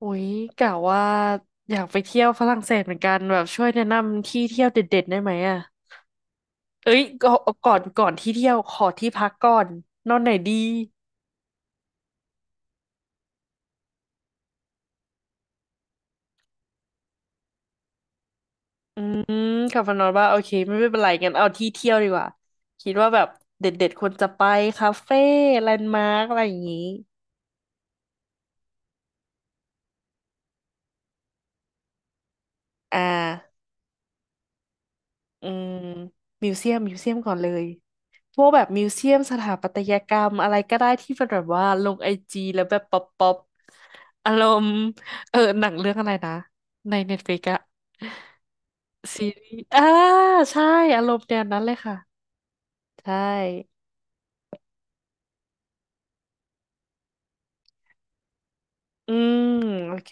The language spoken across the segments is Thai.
อุ๊ยกะว่าอยากไปเที่ยวฝรั่งเศสเหมือนกันแบบช่วยแนะนำที่เที่ยวเด็ดๆได้ไหมอ่ะเอ้ยก่อนที่เที่ยวขอที่พักก่อนนอนไหนดีอืมกลับมานอนว่าโอเคไม่เป็นไรงั้นเอาที่เที่ยวดีกว่าคิดว่าแบบเด็ดๆควรจะไปคาเฟ่แลนด์มาร์กอะไรอย่างนี้อ่าอืมมิวเซียมก่อนเลย พวกแบบมิวเซียมสถาปัตยกรรมอะไรก็ได้ที่เป็นแบบว่าลงไอจีแล้วแบบป๊อปป๊อปอารมณ์เออหนังเรื่องอะไรนะในเน็ตฟลิกอะซีรีส์อ่าใช่อารมณ์แนวนั้นเลยค่ะใช่อืมโอเค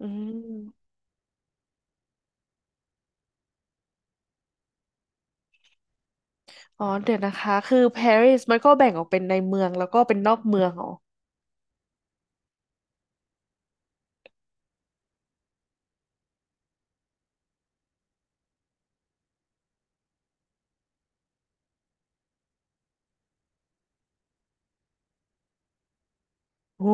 อืมอ๋อเดี๋ยวนะคะคือปารีสมันก็แบ่งออกเป็นในเมืองแล้วก็เป็นนอกเมืองเหรอโอ้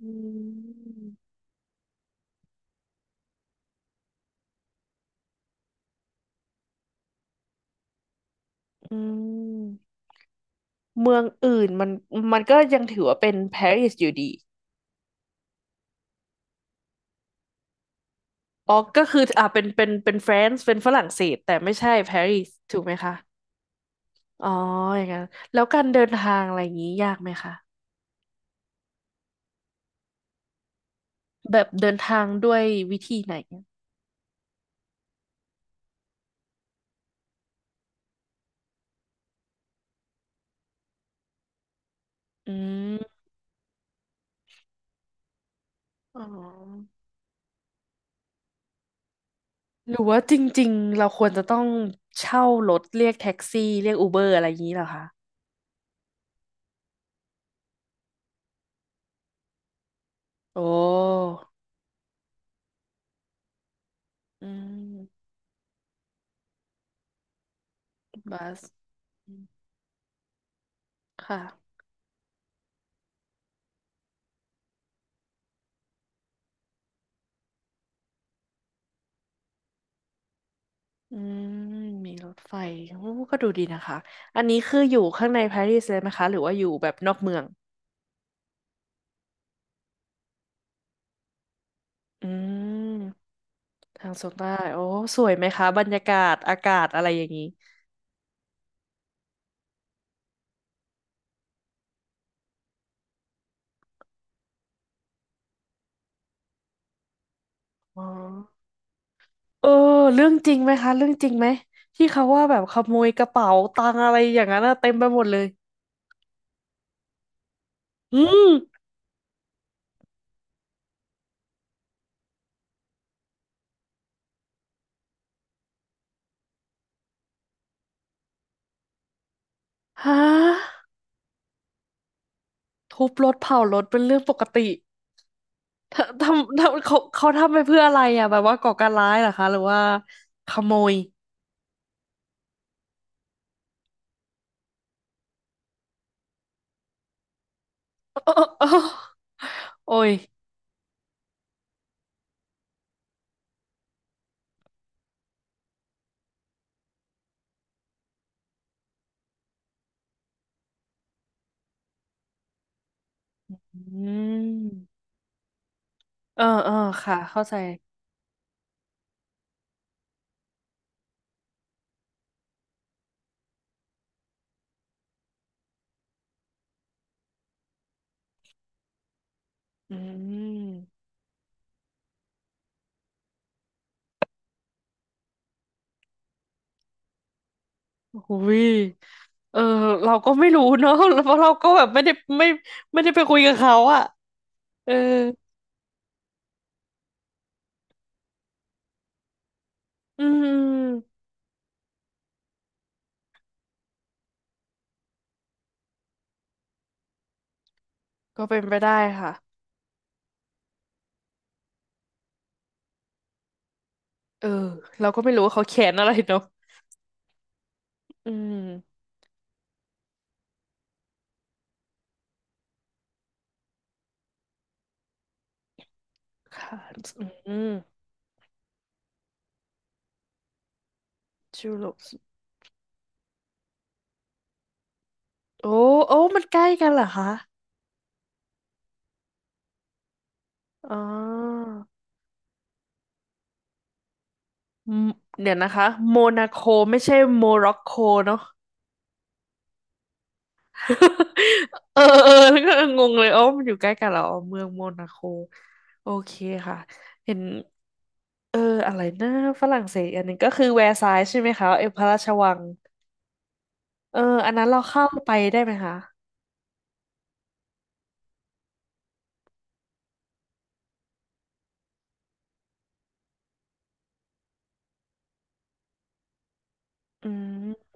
อืมอืมเมืองอื่นมันก็ยังถือว่าเป็นปารีสอยู่ดี อ๋อก็คืออ่ะเป็นแฟรนซ์เป็นฝรั่งเศสแต่ไม่ใช่ปารีสถูกไหมคะ อ๋ออย่างนั้นแล้วการเดินทางอะไรอย่างนี้ยากไหมคะ แบบเดินทางด้วยวิธีไหนอืมอ๋อ หรือว่าจริงๆ เราควรจะต้องเช่ารถเรียกแท็กซี่เรียกอูเบอร์อะไรอย่างนี้เหรอคะโอ้อืมบัสอืมค่ะอืมมีรถไฟโอ้ก็ดูดีนะคะ อันนี้คืออยู่ข้างในปารีสเลยไหมคะหรือว่าอยู่แบบนอกเมืองอืม ทางโซนใต้โอ้ สวยไหมคะ บรรยากาศ อากาศอะไรอย่างนี้อ๋อเออเรื่องจริงไหมคะ เรื่องจริงไหมที่เขาว่าแบบขโมยกระเป๋าตังอะไรอย่างนั้นอะเต็มไปหมดเลยอืมฮะทุบรถเผารถเป็นเรื่องปกติเธอทำเขาทำไปเพื่ออะไรอะแบบว่าก่อการร้ายเหรอคะหรือว่าขโมย เออเออโอ้ยอืมเออเออค่ะ เข้าใจอืม อุ้ยเออเราก็ไม่รู้เนอะ เพราะเราก็แบบไม่ได้ไม่ไม่ได้ไปคุยกับเขาอะเอออืมก็เป็นไปได้ค่ะเออเราก็ไม่รู้ว่าเขาแขนอะไรเนาะอืมค่ะอืมจูโลปโอ้โอ้มันใกล้กันเหรอคะอ๋อมเดี๋ยวนะคะโมนาโคไม่ใช่โมร็อกโกเนาะ เออเออ แล้วก็งงเลยอ๋อมันอยู่ใกล้กันเหรออ๋อเมืองโมนาโคโอเคค่ะเห็นเอออะไรนะฝรั่งเศสอันหนึงก็คือแวร์ซายน์ใช่ไหมคะเออพระราชวังเอออันนั้นเราเข้าไปได้ไหมคะอืม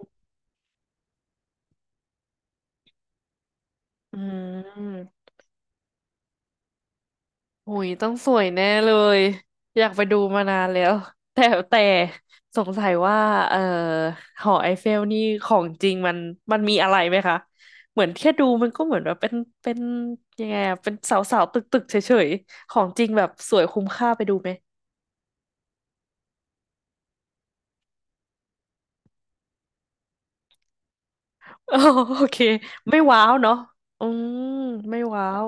อืม หุยต้องสวยแน่เลยอยากไปดูมานานแล้วแต่แต่สงสัยว่าเอ่อหอไอเฟลนี่ของจริงมันมีอะไรไหมคะเหมือนแค่ดูมันก็เหมือนแบบเป็นเป็นยังไงอะเป็นเสาเสาตึกตึกๆเฉยๆของจริงแบบสวยคุ้มค่าไปดูไหมอ๋อ โอเคไม่ว้าวเนาะอืมไม่ว้าว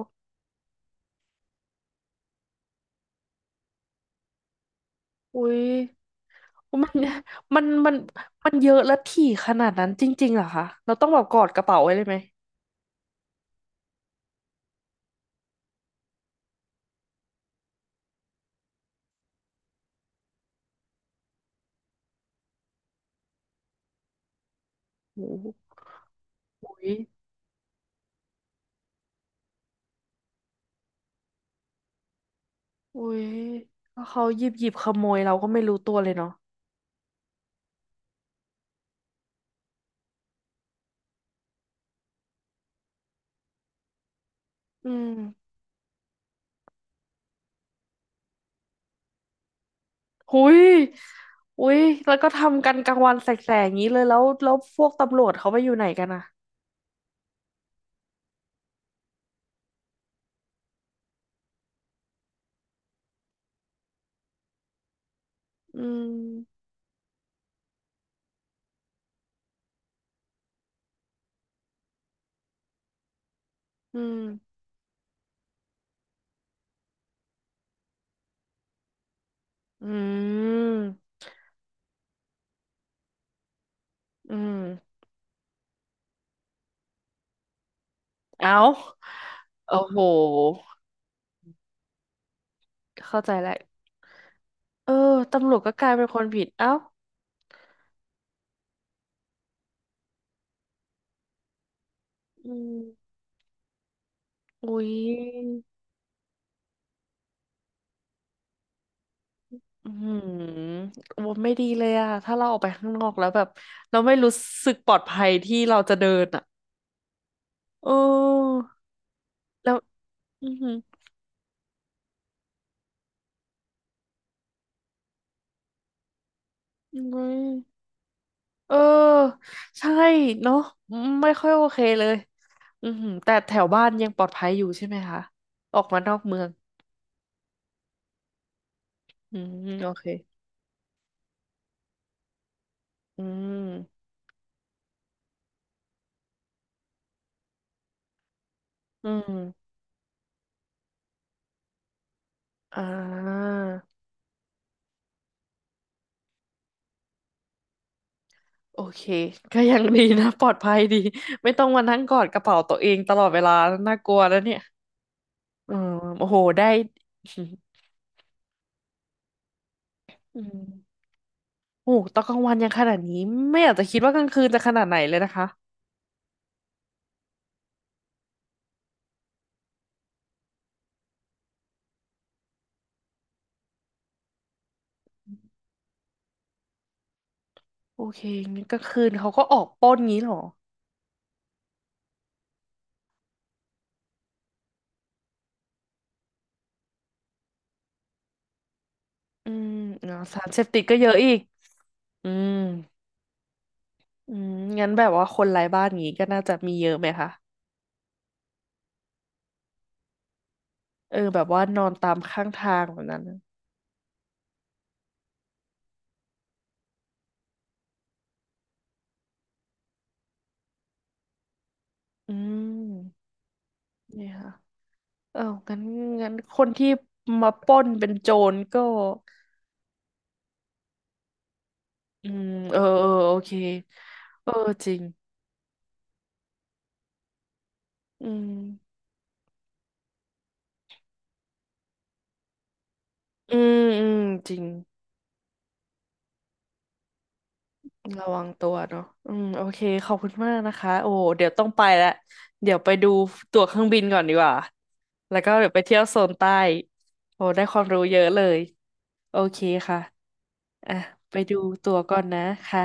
อุ้ยมันมันมันมันเยอะและถี่ขนาดนั้นจริงๆเหรอคะเราต้องแบบกอดกระเป๋าไว้เลยไหมโอ้โห อุ้ยแล้วเขาหยิบขโมยเราก็ไม่รู้ตัวเลยเนาะอืมหุยหุยแล้วก็ทำกันกลางวันแสกๆอย่างนี้เลยแล้วพวกตำรวจเขาไปอยู่ไหนกันอ่ะอืมอืมอืมอืมเอาโอ้โหเข้าใจแล้วเออตำรวจก็กลายเป็นคนผิดเอ้าอืมอุยอืมว่าไม่ดีเลยอะถ้าเราออกไปข้างนอกแล้วแบบเราไม่รู้สึกปลอดภัยที่เราจะเดินอะ โอ้แล้วอือหือมเว้ยเออใช่เนาะไม่ค่อยโอเคเลยอือหือแต่แถวบ้านยังปลอดภัยอยู่ใช่ไหมคะออกมานอกเมืองอืมโอเคอืมอืมอ่าโอเคก็ยังดีนะปลอดภัยดีไม่ต้องมานั่งกอดกระเป๋าตัวเองตลอดเวลาน่ากลัวแล้วเนี่ยอืมโอ้โหได้อืมโอ้โหตอนกลางวันยังขนาดนี้ไม่อยากจะคิดว่ากลางคืนจะขนาดไหนเลยนะคะ โอเคงั้นกลางคืนเขาก็ออกปล้นงี้เหรออืมเนาะสารเสพติดก็เยอะอีกอืมอืมงั้นแบบว่าคนไร้บ้านงี้ก็น่าจะมีเยอะไหมคะเออแบบว่านอนตามข้างทางแบบนั้นนะอืมนี่ค่ะเอองั้นงั้นคนที่มาปล้นเป็นโจรก็อืมเออเออโอเคเออจริงอืมอืมอืมจริง ระวังตัวเนาะอืม โอเค ขอบคุณมากนะคะ โอ้ เดี๋ยวต้องไปแล้ว เดี๋ยวไปดูตั๋วเครื่องบินก่อนดีกว่า แล้วก็เดี๋ยวไปเที่ยวโซนใต้ โอ้ ได้ความรู้เยอะเลย โอเคค่ะอ่ะไปดูตั๋วก่อนนะคะ